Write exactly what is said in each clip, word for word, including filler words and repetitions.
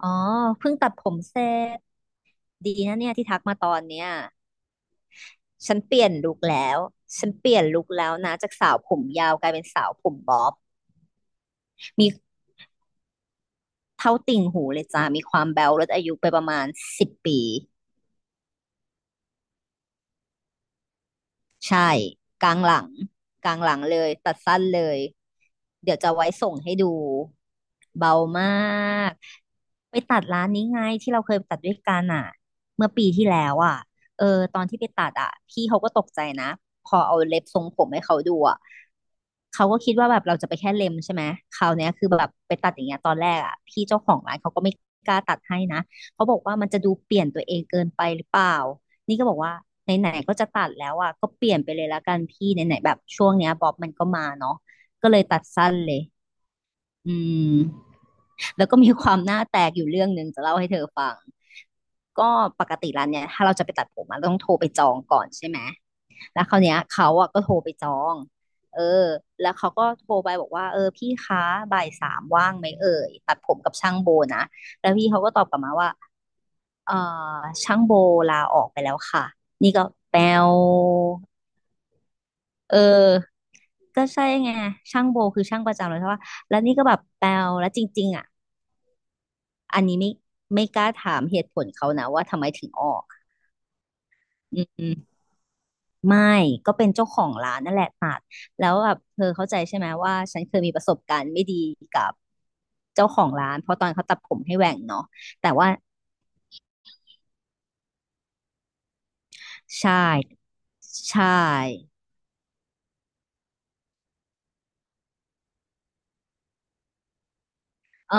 อ๋อ เพิ่งตัดผมเสร็จดีนะเนี่ยที่ทักมาตอนเนี้ยฉันเปลี่ยนลุคแล้ว ฉันเปลี่ยนลุคแล้วนะจากสาวผมยาวกลายเป็นสาวผมบ๊อบ มีเท่าติ่งหูเลยจ้า มีความแบ๊วลดอายุไปประมาณสิบปี ใช่กลางหลังกลางหลังเลยตัดสั้นเลยเดี๋ยวจะไว้ส่งให้ดูเบามากไปตัดร้านนี้ไงที่เราเคยไปตัดด้วยกันอ่ะเมื่อปีที่แล้วอ่ะเออตอนที่ไปตัดอ่ะพี่เขาก็ตกใจนะพอเอาเล็บทรงผมให้เขาดูอ่ะเขาก็คิดว่าแบบเราจะไปแค่เล็มใช่ไหมคราวเนี้ยคือแบบไปตัดอย่างเงี้ยตอนแรกอ่ะพี่เจ้าของร้านเขาก็ไม่กล้าตัดให้นะเขาบอกว่ามันจะดูเปลี่ยนตัวเองเกินไปหรือเปล่า นี่ก็บอกว่าไหนๆก็จะตัดแล้วอ่ะก็เปลี่ยนไปเลยละกันพี่ไหนๆแบบช่วงเนี้ยบ๊อบมันก็มาเนาะก็เลยตัดสั้นเลยอืมแล้วก็มีความหน้าแตกอยู่เรื่องหนึ่งจะเล่าให้เธอฟังก็ปกติร้านเนี่ยถ้าเราจะไปตัดผมอะเราต้องโทรไปจองก่อนใช่ไหมแล้วคราวเนี้ยเขาอ่ะก็โทรไปจองเออแล้วเขาก็โทรไปบอกว่าเออพี่คะบ่ายสามว่างไหมเอ่ยตัดผมกับช่างโบนะแล้วพี่เขาก็ตอบกลับมาว่า เอ่อช่างโบลาออกไปแล้วค่ะนี่ก็แปลวเออก็ใช่ไงช่างโบคือช่างประจำเลยใช่ปะแล้วนี่ก็แบบแปลวแล้วจริงๆอ่ะอันนี้ไม่ไม่กล้าถามเหตุผลเขานะว่าทำไมถึงออกอืมไม่ก็เป็นเจ้าของร้านนั่นแหละตัดแล้วแบบเธอเข้าใจใช่ไหมว่าฉันเคยมีประสบการณ์ไม่ดีกับเจ้าของร้านเพราะตอนเขาตัดผมให้แหว่งเนาะแต่ว่าใช่ใช่เออ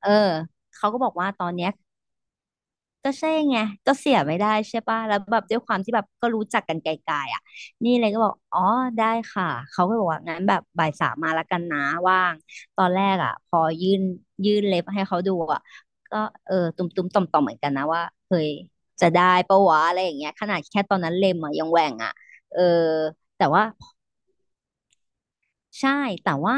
เออเขาก็บอกว่าตอนเนี้ย ก็ใช่ไงก็เสียไม่ได้ใช่ป่ะแล้วแบบด้วยความที่แบบก็รู้จักกันไกลๆอ่ะนี่เลยก็บอกอ๋อได้ค่ะเขาก็บอกว่างั้นแบบบ่ายสามมาแล้วกันนะว่างตอนแรกอ่ะพอยื่นยื่นเล็บให้เขาดูอ่ะก็เออตุ้มตุ้มต่อมต่อมๆเหมือนกันนะว่าเฮ้ยจะได้ปะวะอะไรอย่างเงี้ยขนาดแค่ตอนนั้นเล็มอ่ะยังแหว่งอ่ะเออแต่ว่าพ ใช่แต่ว่า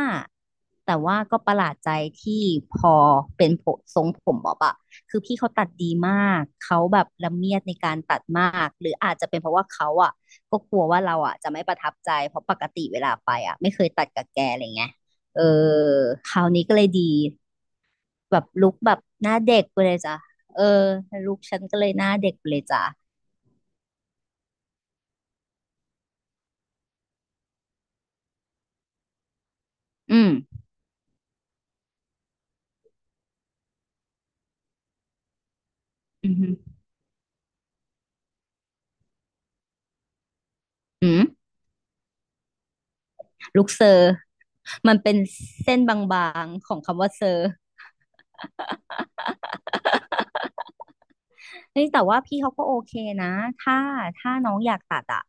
แต่ว่าก็ประหลาดใจที่พอเป็นผมทรงผมบ๊อบอะคือพี่เขาตัดดีมากเขาแบบละเมียดในการตัดมากหรืออาจจะเป็นเพราะว่าเขาอะก็กลัวว่าเราอะจะไม่ประทับใจเพราะปกติเวลาไปอะไม่เคยตัดกับแกอะไรเงี้ยเออคราวนี้ก็เลยดีแบบลุคแบบหน้าเด็กไปเลยจ้ะเออลุคฉันก็เลยหน้าเด็กไปเลยจ้ะอืมอืมอหืออืมลุคเซอร์มันเป็นเส้นบางๆของคำว่าเซอร์ เฮ้ยแต่ว่าพี่เขาก็โอเคนะถ้าถ้าน้องอยากตัดอ่ะ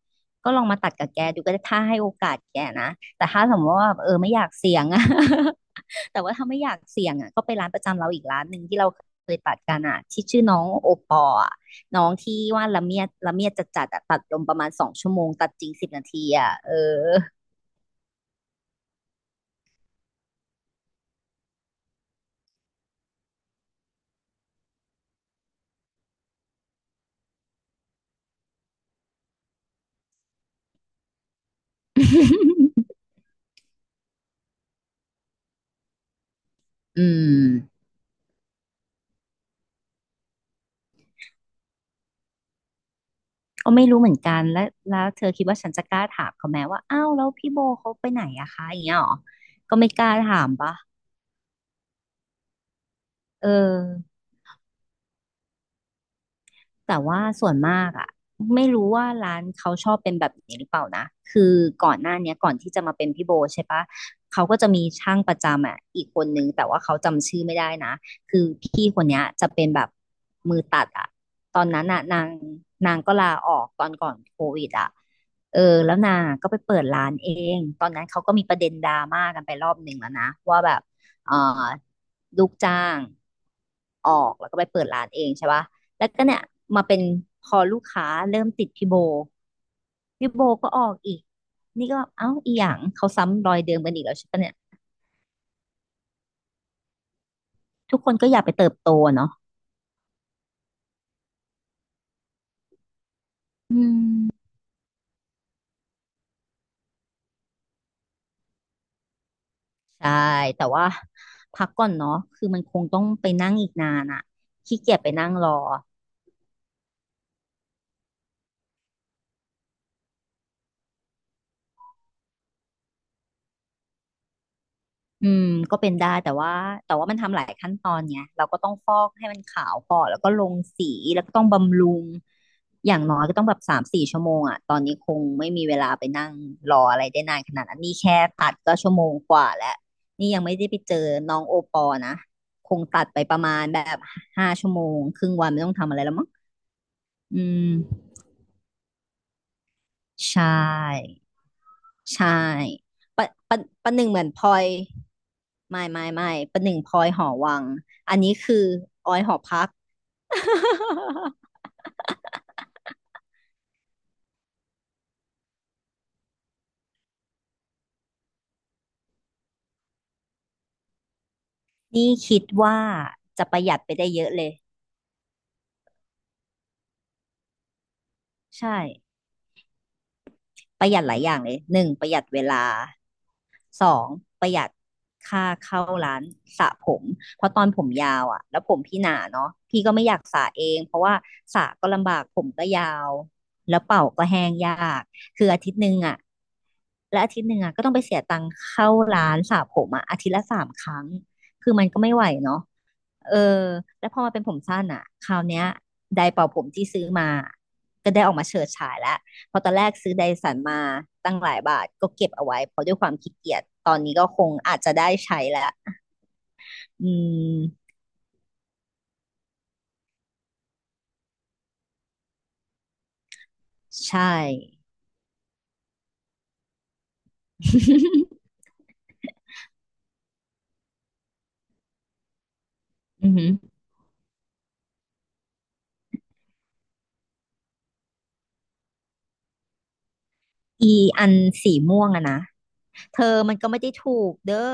ก็ลองมาตัดกับแกดูก็ได้ถ้าให้โอกาสแกนะแต่ถ้าสมมติว่าแบบเออไม่อยากเสี่ยงอ่ะ แต่ว่าถ้าไม่อยากเสี่ยงอ่ะก็ไปร้านประจำเราอีกร้านหนึ่งที่เราเคยตัดกันอ่ะที่ชื่อน้องโอปอล์อะน้องที่ว่าละเมียดละเมียดจดจัดอะตัดลมประมาณสองชั่วโมงตัดจริงสิบนาทีอ่ะเออ อืมก็ไม่รู้เหมือนกันแล้วแล้วเธอคิดว่าฉันจะกล้าถามเขาไหมว่าอ้าวแล้วพี่โบเขาไปไหนอะคะอย่างเงี้ยหรอก็ไม่กล้าถามปะ เออแต่ว่าส่วนมากอ่ะไม่รู้ว่าร้านเขาชอบเป็นแบบนี้หรือเปล่านะคือก่อนหน้าเนี้ยก่อนที่จะมาเป็นพี่โบใช่ปะเขาก็จะมีช่างประจำอ่ะอีกคนนึงแต่ว่าเขาจำชื่อไม่ได้นะคือพี่คนเนี้ยจะเป็นแบบมือตัดอ่ะตอนนั้นอ่ะนางนางก็ลาออกตอนก่อนโควิดอ่ะเออแล้วนางอะก็ไปเปิดร้านเองตอนนั้นเขาก็มีประเด็นดราม่ากันไปรอบหนึ่งแล้วนะว่าแบบเอ่อลูกจ้างออกแล้วก็ไปเปิดร้านเองใช่ปะ แล้วก็เนี่ยมาเป็นพอลูกค้าเริ่มติดพี่โบ พี่โบก็ออกอีกนี่ก็เอ้าอีหยังเขาซ้ำรอยเดิมกันอีกแล้วใช่ปะเนี่ยทุกคนก็อยากไปเติบโตอะเนาะใช่แต่ว่าพักก่อนเนาะคือมันคงต้องไปนั่งอีกนานอะขี้เกียจไปนั่งรอ อืมก็เป็นได้แต่ว่าแต่ว่ามันทำหลายขั้นตอนไงเราก็ต้องฟอกให้มันขาวก่อนแล้วก็ลงสีแล้วก็ต้องบำรุงอย่างน้อยก็ต้องแบบสามสี่ชั่วโมงอ่ะตอนนี้คงไม่มีเวลาไปนั่งรออะไรได้นานขนาดนั้นนี่แค่ตัดก็ชั่วโมงกว่าแล้วนี่ยังไม่ได้ไปเจอน้องโอปอนะคงตัดไปประมาณแบบห้าชั่วโมงครึ่งวันไม่ต้องทำอะไรแล้วมั้งอืมใช่ ใช่ปะปะประหนึ่งเหมือนพลอยไม่ไม่ไม่ประหนึ่งพลอยหอวังอันนี้คือออยหอพัก นี่คิดว่าจะประหยัดไปได้เยอะเลยใช่ ประหยัดหลายอย่างเลยหนึ่งประหยัดเวลาสองประหยัดค่าเข้าร้านสระผมเพราะตอนผมยาวอ่ะแล้วผมพี่หนาเนาะพี่ก็ไม่อยากสระเองเพราะว่าสระก็ลำบากผมก็ยาวแล้วเป่าก็แห้งยากคืออาทิตย์หนึ่งอ่ะและอาทิตย์หนึ่งอ่ะก็ต้องไปเสียตังค์เข้าร้านสระผมอ่ะอาทิตย์ละสามครั้งคือมันก็ไม่ไหวเนาะ เออ แล้วพอมาเป็นผมสั้นอ่ะคราวเนี้ยไดร์เป่าผมที่ซื้อมาก็ได้ออกมาเฉิดฉายแล้วเพอตอนแรกซื้อไดสันมาตั้งหลายบาทก็เก็บเอาไว้เพราะด้วยความขี้เกียจตอนนี้ก็คงอาจจะได้ใช้แล้ว อืมใช่ อือหืออีอันสีม่วงอะนะ เธอมันก็ไม่ได้ถูกเด้อ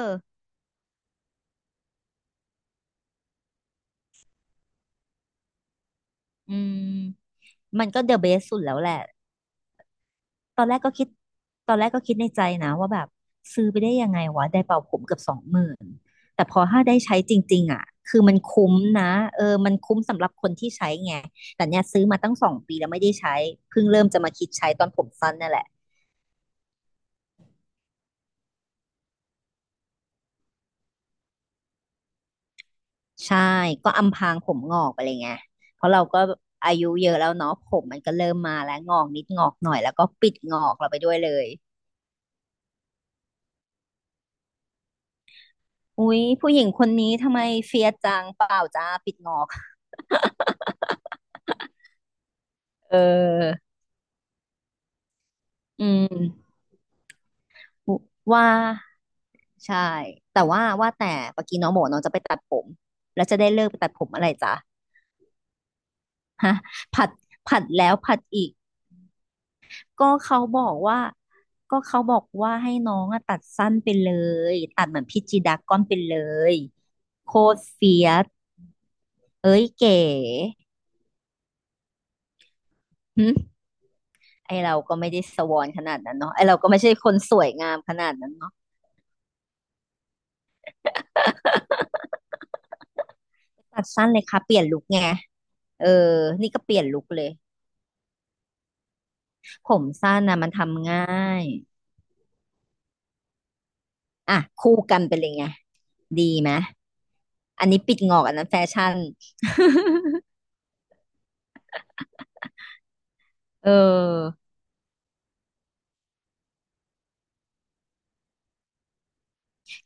อืมมันก็เดอะเบสสุดแล้วแหละ ตอนแรกก็คิดตอนแรกก็คิดในใจนะว่าแบบซื้อไปได้ยังไงวะได้เป่าผมเกือบสองหมื่นแต่พอถ้าได้ใช้จริงๆอ่ะคือมันคุ้มนะเออมันคุ้มสำหรับคนที่ใช้ไง แต่เนี่ยซื้อมาตั้งสองปีแล้วไม่ได้ใช้เพิ่งเริ่มจะมาคิดใช้ตอนผมสั้นนั่นแหละใช่ก็อำพรางผมงอกไปเลยไงเพราะเราก็อายุเยอะแล้วเนาะผมมันก็เริ่มมาแล้วงอกนิดงอกหน่อยแล้วก็ปิดงอกเราไปด้วยเลยอุ๊ยผู้หญิงคนนี้ทำไมเฟียจังเปล่าจ้าปิดงอกเอออืม ว่าใช่แต่ว่าว่าแต่เมื่อกี้น้องบอกว่าน้องจะไปตัดผมแล้วจะได้เลิกไปตัดผมอะไรจ้ะฮะผัดผัดแล้วผัดอีกก็เขาบอกว่าก็เขาบอกว่าให้น้องอะตัดสั้นไปเลยตัดเหมือนพี่จีดาก้อนไปเลยโคตรเฟียสเอ้ยเก๋หึไอเราก็ไม่ได้สวอนขนาดนั้นเนาะไอเราก็ไม่ใช่คนสวยงามขนาดนั้นเนาะตัดสั้นเลยค่ะเปลี่ยนลุคไงเออนี่ก็เปลี่ยนลุคเลยผมสั้นนะมันทำง่าย อ่ะคู่กันไปเลยไงดีไหมอันนี้ปิดงอกอันนั้นแฟชั่นเออ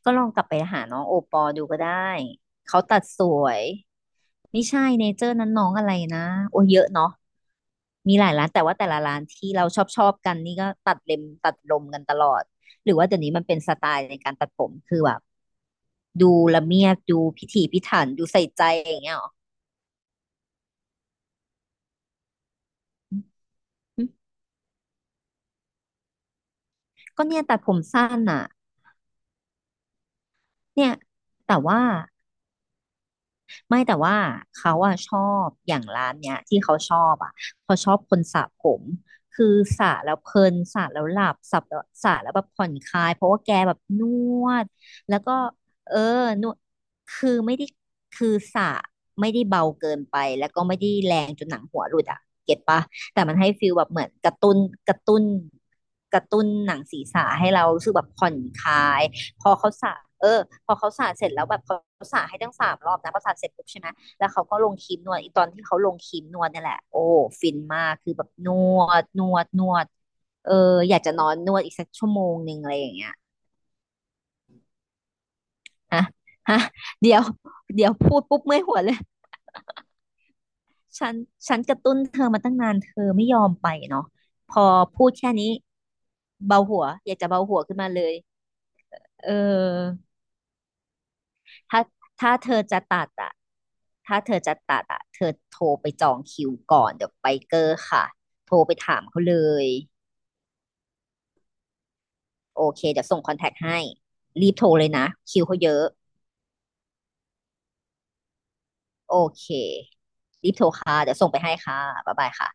ก็ลองกลับไปหาน้องโอปอดูก็ได้เขาตัดสวยไม่ใช่เนเจอร์นั้นน้องอะไรนะโอ้ยเยอะเนาะมีหลายร้านแต่ว่าแต่ละร้านที่เราชอบชอบกันนี่ก็ตัดเล็มตัดลมกันตลอดหรือว่าเดี๋ยวนี้มันเป็นสไตล์ในการตัดผมคือแบบดูละเมียดดูพิถีพิถันดูใส่ใจอย่างเงี้ยหรอก็เนี่ยตัดผมสั้นอ่ะเนี่ยแต่ว่า ไม่แต่ว่าเขาอะชอบอย่างร้านเนี้ยที่เขาชอบอะเขาชอบคนสระผมคือสระแล้วเพลินสระแล้วหลับสระแล้วสระแล้วแบบผ่อนคลายเพราะว่าแกแบบนวดแล้วก็เออนวดคือไม่ได้คือสระไม่ได้เบาเกินไปแล้วก็ไม่ได้แรงจนหนังหัวหลุดอะเก็ตปะแต่มันให้ฟีลแบบเหมือนกระตุ้นกระตุ้นกระตุ้นหนังศีรษะให้เรารู้สึกแบบผ่อนคลาย พอเขาสระเออพอเขาสระเสร็จแล้วแบบเขาสระให้ตั้งสามรอบนะพอสระเสร็จปุ๊บใช่ไหมแล้วเขาก็ลงครีมนวดอีตอนที่เขาลงครีมนวดเนี่ยแหละโอ้ฟินมากคือแบบนวดนวดนวดเอออยากจะนอนนวดอีกสักชั่วโมงหนึ่งอะไรอย่างเงี้ยฮะฮะเดี๋ยวเดี๋ยวพูดปุ๊บเมื่อยหัวเลยฉันฉันกระตุ้นเธอมาตั้งนานเธอไม่ยอมไปเนาะพอพูดแค่นี้เบาหัวอยากจะเบาหัวขึ้นมาเลยเออ ถ้าถ้าเธอจะตัดอ่ะถ้าเธอจะตัดอ่ะเธอโทรไปจองคิวก่อนเดี๋ยวไปเกอร์ค่ะโทรไปถามเขาเลยโอเคเดี๋ยวส่งคอนแทคให้รีบโทรเลยนะคิวเขาเยอะโอเครีบโทรค่ะเดี๋ยวส่งไปให้ค่ะบ๊ายบายค่ะ